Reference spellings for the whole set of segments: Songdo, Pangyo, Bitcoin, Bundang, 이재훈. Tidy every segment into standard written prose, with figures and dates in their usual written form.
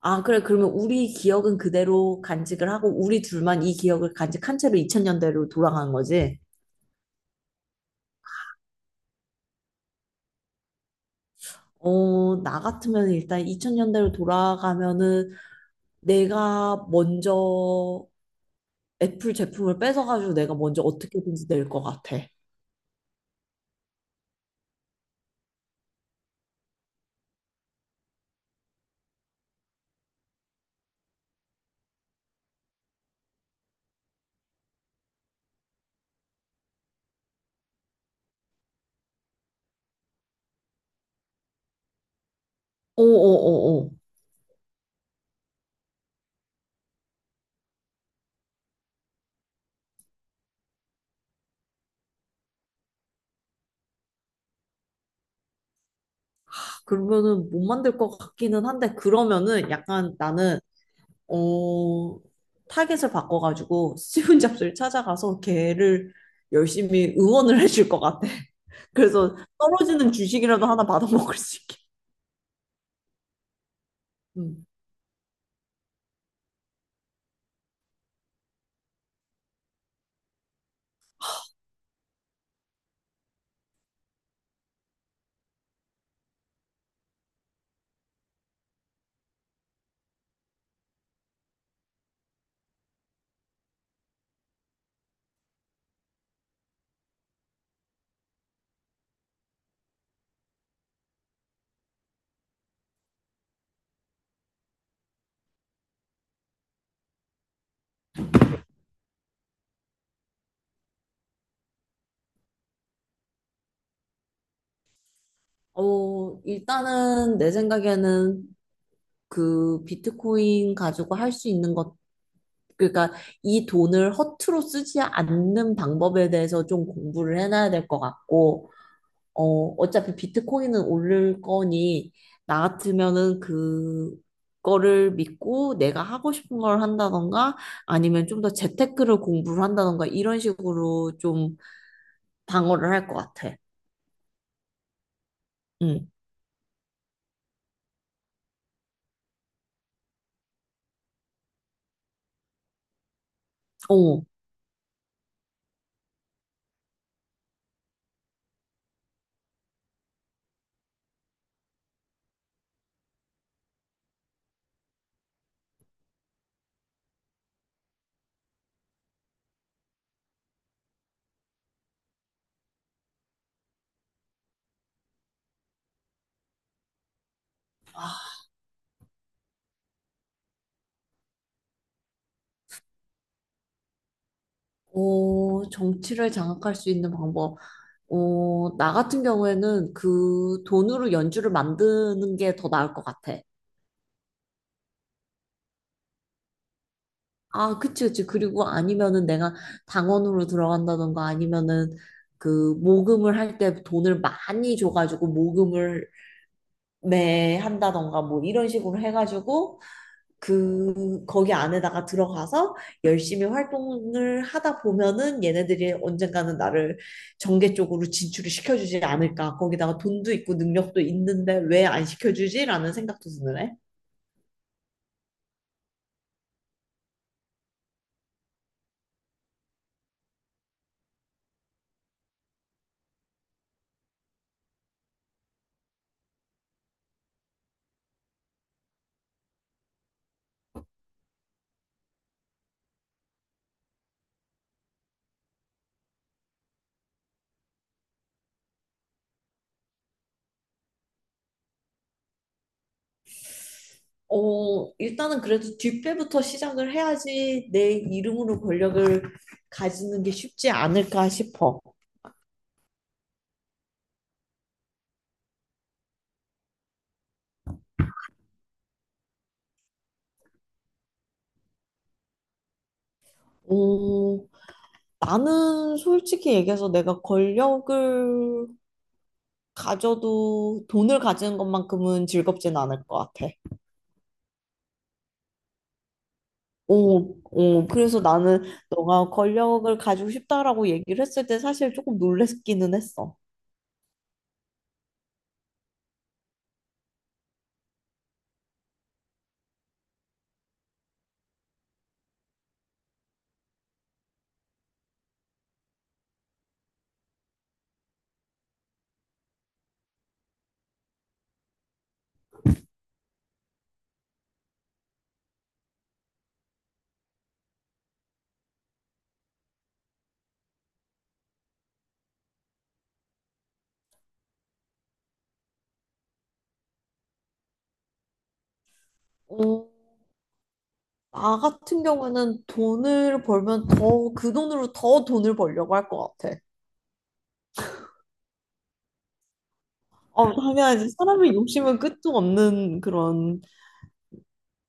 아, 그래. 그러면 우리 기억은 그대로 간직을 하고, 우리 둘만 이 기억을 간직한 채로 2000년대로 돌아간 거지? 나 같으면 일단 2000년대로 돌아가면은 내가 먼저 애플 제품을 뺏어가지고 내가 먼저 어떻게든지 낼 것 같아. 어어어어. 그러면은 못 만들 것 같기는 한데, 그러면은 약간 나는 어, 타겟을 바꿔가지고 스티븐 잡스를 찾아가서 걔를 열심히 응원을 해줄 것 같아. 그래서 떨어지는 주식이라도 하나 받아먹을 수 있게. 음. 일단은 내 생각에는 그 비트코인 가지고 할 수 있는 것, 그러니까 이 돈을 허투루 쓰지 않는 방법에 대해서 좀 공부를 해놔야 될 것 같고, 어차피 비트코인은 오를 거니, 나 같으면은 그거를 믿고 내가 하고 싶은 걸 한다던가, 아니면 좀 더 재테크를 공부를 한다던가, 이런 식으로 좀 방어를 할 것 같아. 응. 어, 정치를 장악할 수 있는 방법. 나 같은 경우에는 그 돈으로 연주를 만드는 게 더 나을 것 같아. 아, 그치, 그치. 그리고 아니면은 내가 당원으로 들어간다던가 아니면은 그 모금을 할 때 돈을 많이 줘가지고 모금을 매 한다던가 뭐 이런 식으로 해가지고 그, 거기 안에다가 들어가서 열심히 활동을 하다 보면은 얘네들이 언젠가는 나를 정계 쪽으로 진출을 시켜주지 않을까. 거기다가 돈도 있고 능력도 있는데 왜 안 시켜주지? 라는 생각도 드네. 일단은 그래도 뒷배부터 시작을 해야지 내 이름으로 권력을 가지는 게 쉽지 않을까 싶어. 어, 나는 솔직히 얘기해서 내가 권력을 가져도 돈을 가지는 것만큼은 즐겁진 않을 것 같아. 오, 오, 그래서 나는 너가 권력을 가지고 싶다라고 얘기를 했을 때 사실 조금 놀랬기는 했어. 어, 나 같은 경우에는 돈을 벌면 더, 그 돈으로 더 돈을 벌려고 할 것 같아. 하면 사람의 욕심은 끝도 없는 그런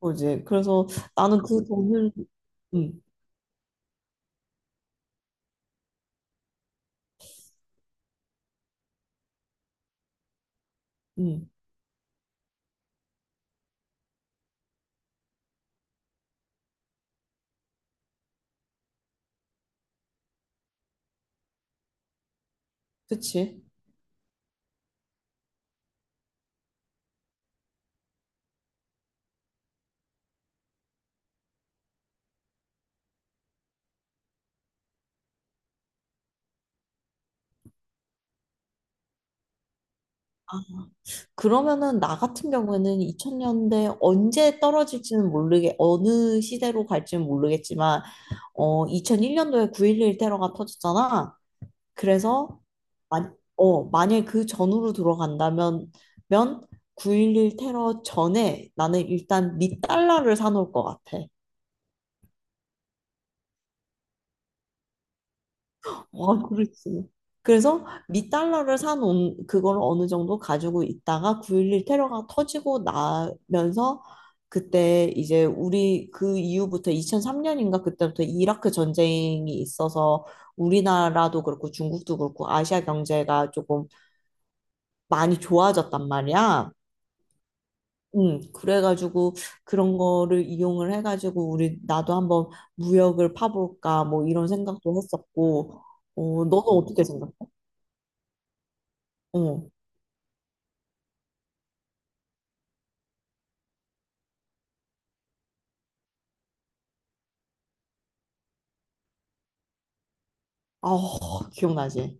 거지. 그래서 나는 그 돈을, 음, 음, 그치. 그러면은 나 같은 경우에는 2000년대 언제 떨어질지는 모르게, 어느 시대로 갈지는 모르겠지만, 2001년도에 9.11 테러가 터졌잖아. 그래서, 만약 그 전후로 들어간다면, 면9.11 테러 전에 나는 일단 미 달러를 사놓을 것 같아. 아, 그렇지. 그래서 미달러를 사놓은 그걸 어느 정도 가지고 있다가 9.11 테러가 터지고 나면서 그때 이제 우리 그 이후부터 2003년인가 그때부터 이라크 전쟁이 있어서 우리나라도 그렇고 중국도 그렇고 아시아 경제가 조금 많이 좋아졌단 말이야. 그래가지고 그런 거를 이용을 해가지고 우리 나도 한번 무역을 파볼까 뭐 이런 생각도 했었고, 너는 어떻게 생각해? 어. 아, 어, 기억나지?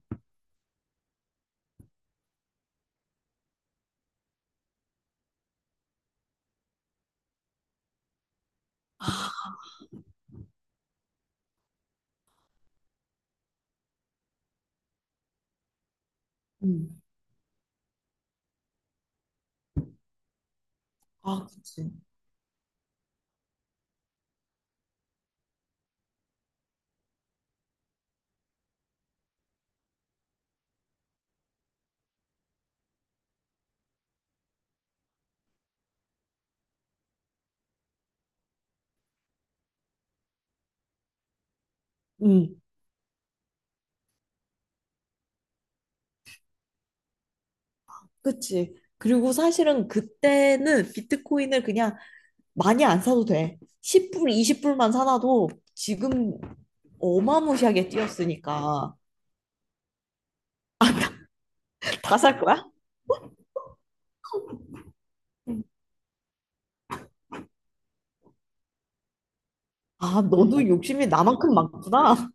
음. 아, 그치. 음, 그치. 그리고 사실은 그때는 비트코인을 그냥 많이 안 사도 돼. 10불, 20불만 사놔도 지금 어마무시하게 뛰었으니까. 다 살 거야? 아, 너도 욕심이 나만큼 많구나.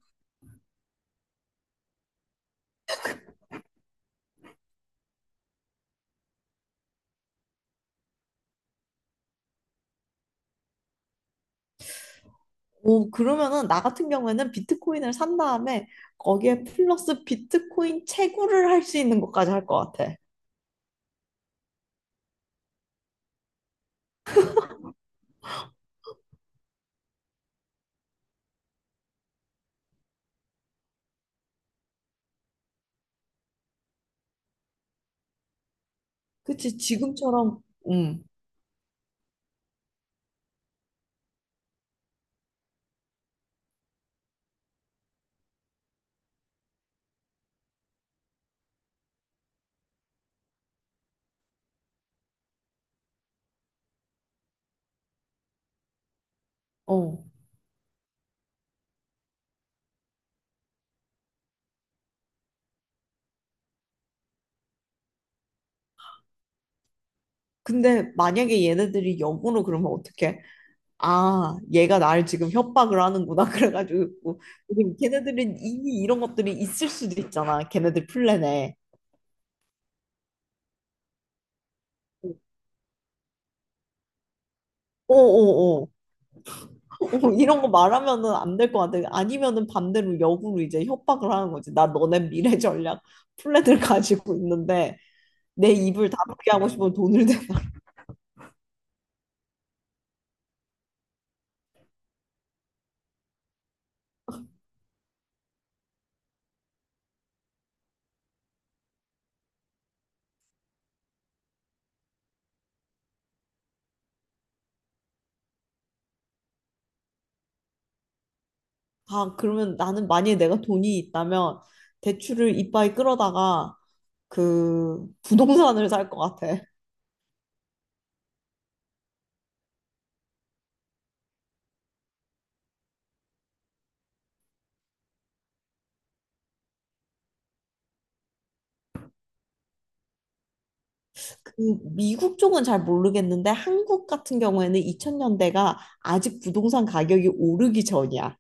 그러면은 나 같은 경우에는 비트코인을 산 다음에 거기에 플러스 비트코인 채굴을 할 수 있는 것까지 할 것 같아. 그치, 지금처럼, 음, 어. 근데 만약에 얘네들이 역으로 그러면 어떡해? 아, 얘가 나를 지금 협박을 하는구나. 그래가지고, 지금 걔네들은 이미 이런 것들이 있을 수도 있잖아. 걔네들 플랜에. 어어어. 이런 거 말하면은 안 될 것 같아. 아니면은 반대로 역으로 이제 협박을 하는 거지. 나 너네 미래 전략 플랜을 가지고 있는데, 내 입을 다물게 하고 싶으면 돈을 대라. 아, 그러면 나는 만약에 내가 돈이 있다면, 대출을 이빠이 끌어다가, 그 부동산을 살 것 같아. 그 미국 쪽은 잘 모르겠는데 한국 같은 경우에는 2000년대가 아직 부동산 가격이 오르기 전이야.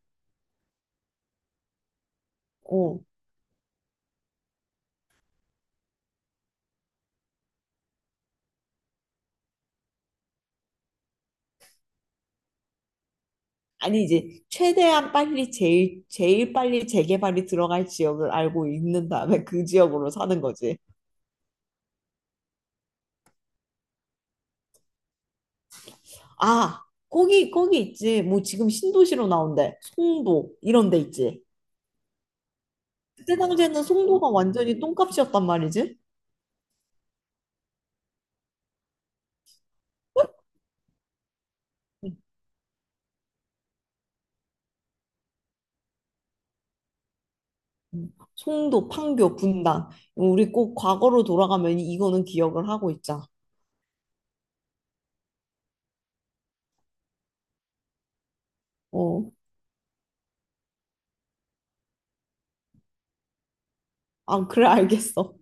어. 아니 이제 최대한 빨리 제일 제일 빨리 재개발이 들어갈 지역을 알고 있는 다음에 그 지역으로 사는 거지. 아, 거기 거기 있지. 뭐 지금 신도시로 나온대. 송도 이런 데 있지. 그때 당시에는 송도가 완전히 똥값이었단 말이지. 송도, 판교, 분당. 우리 꼭 과거로 돌아가면 이거는 기억을 하고 있자. 어. 아, 그래, 알겠어.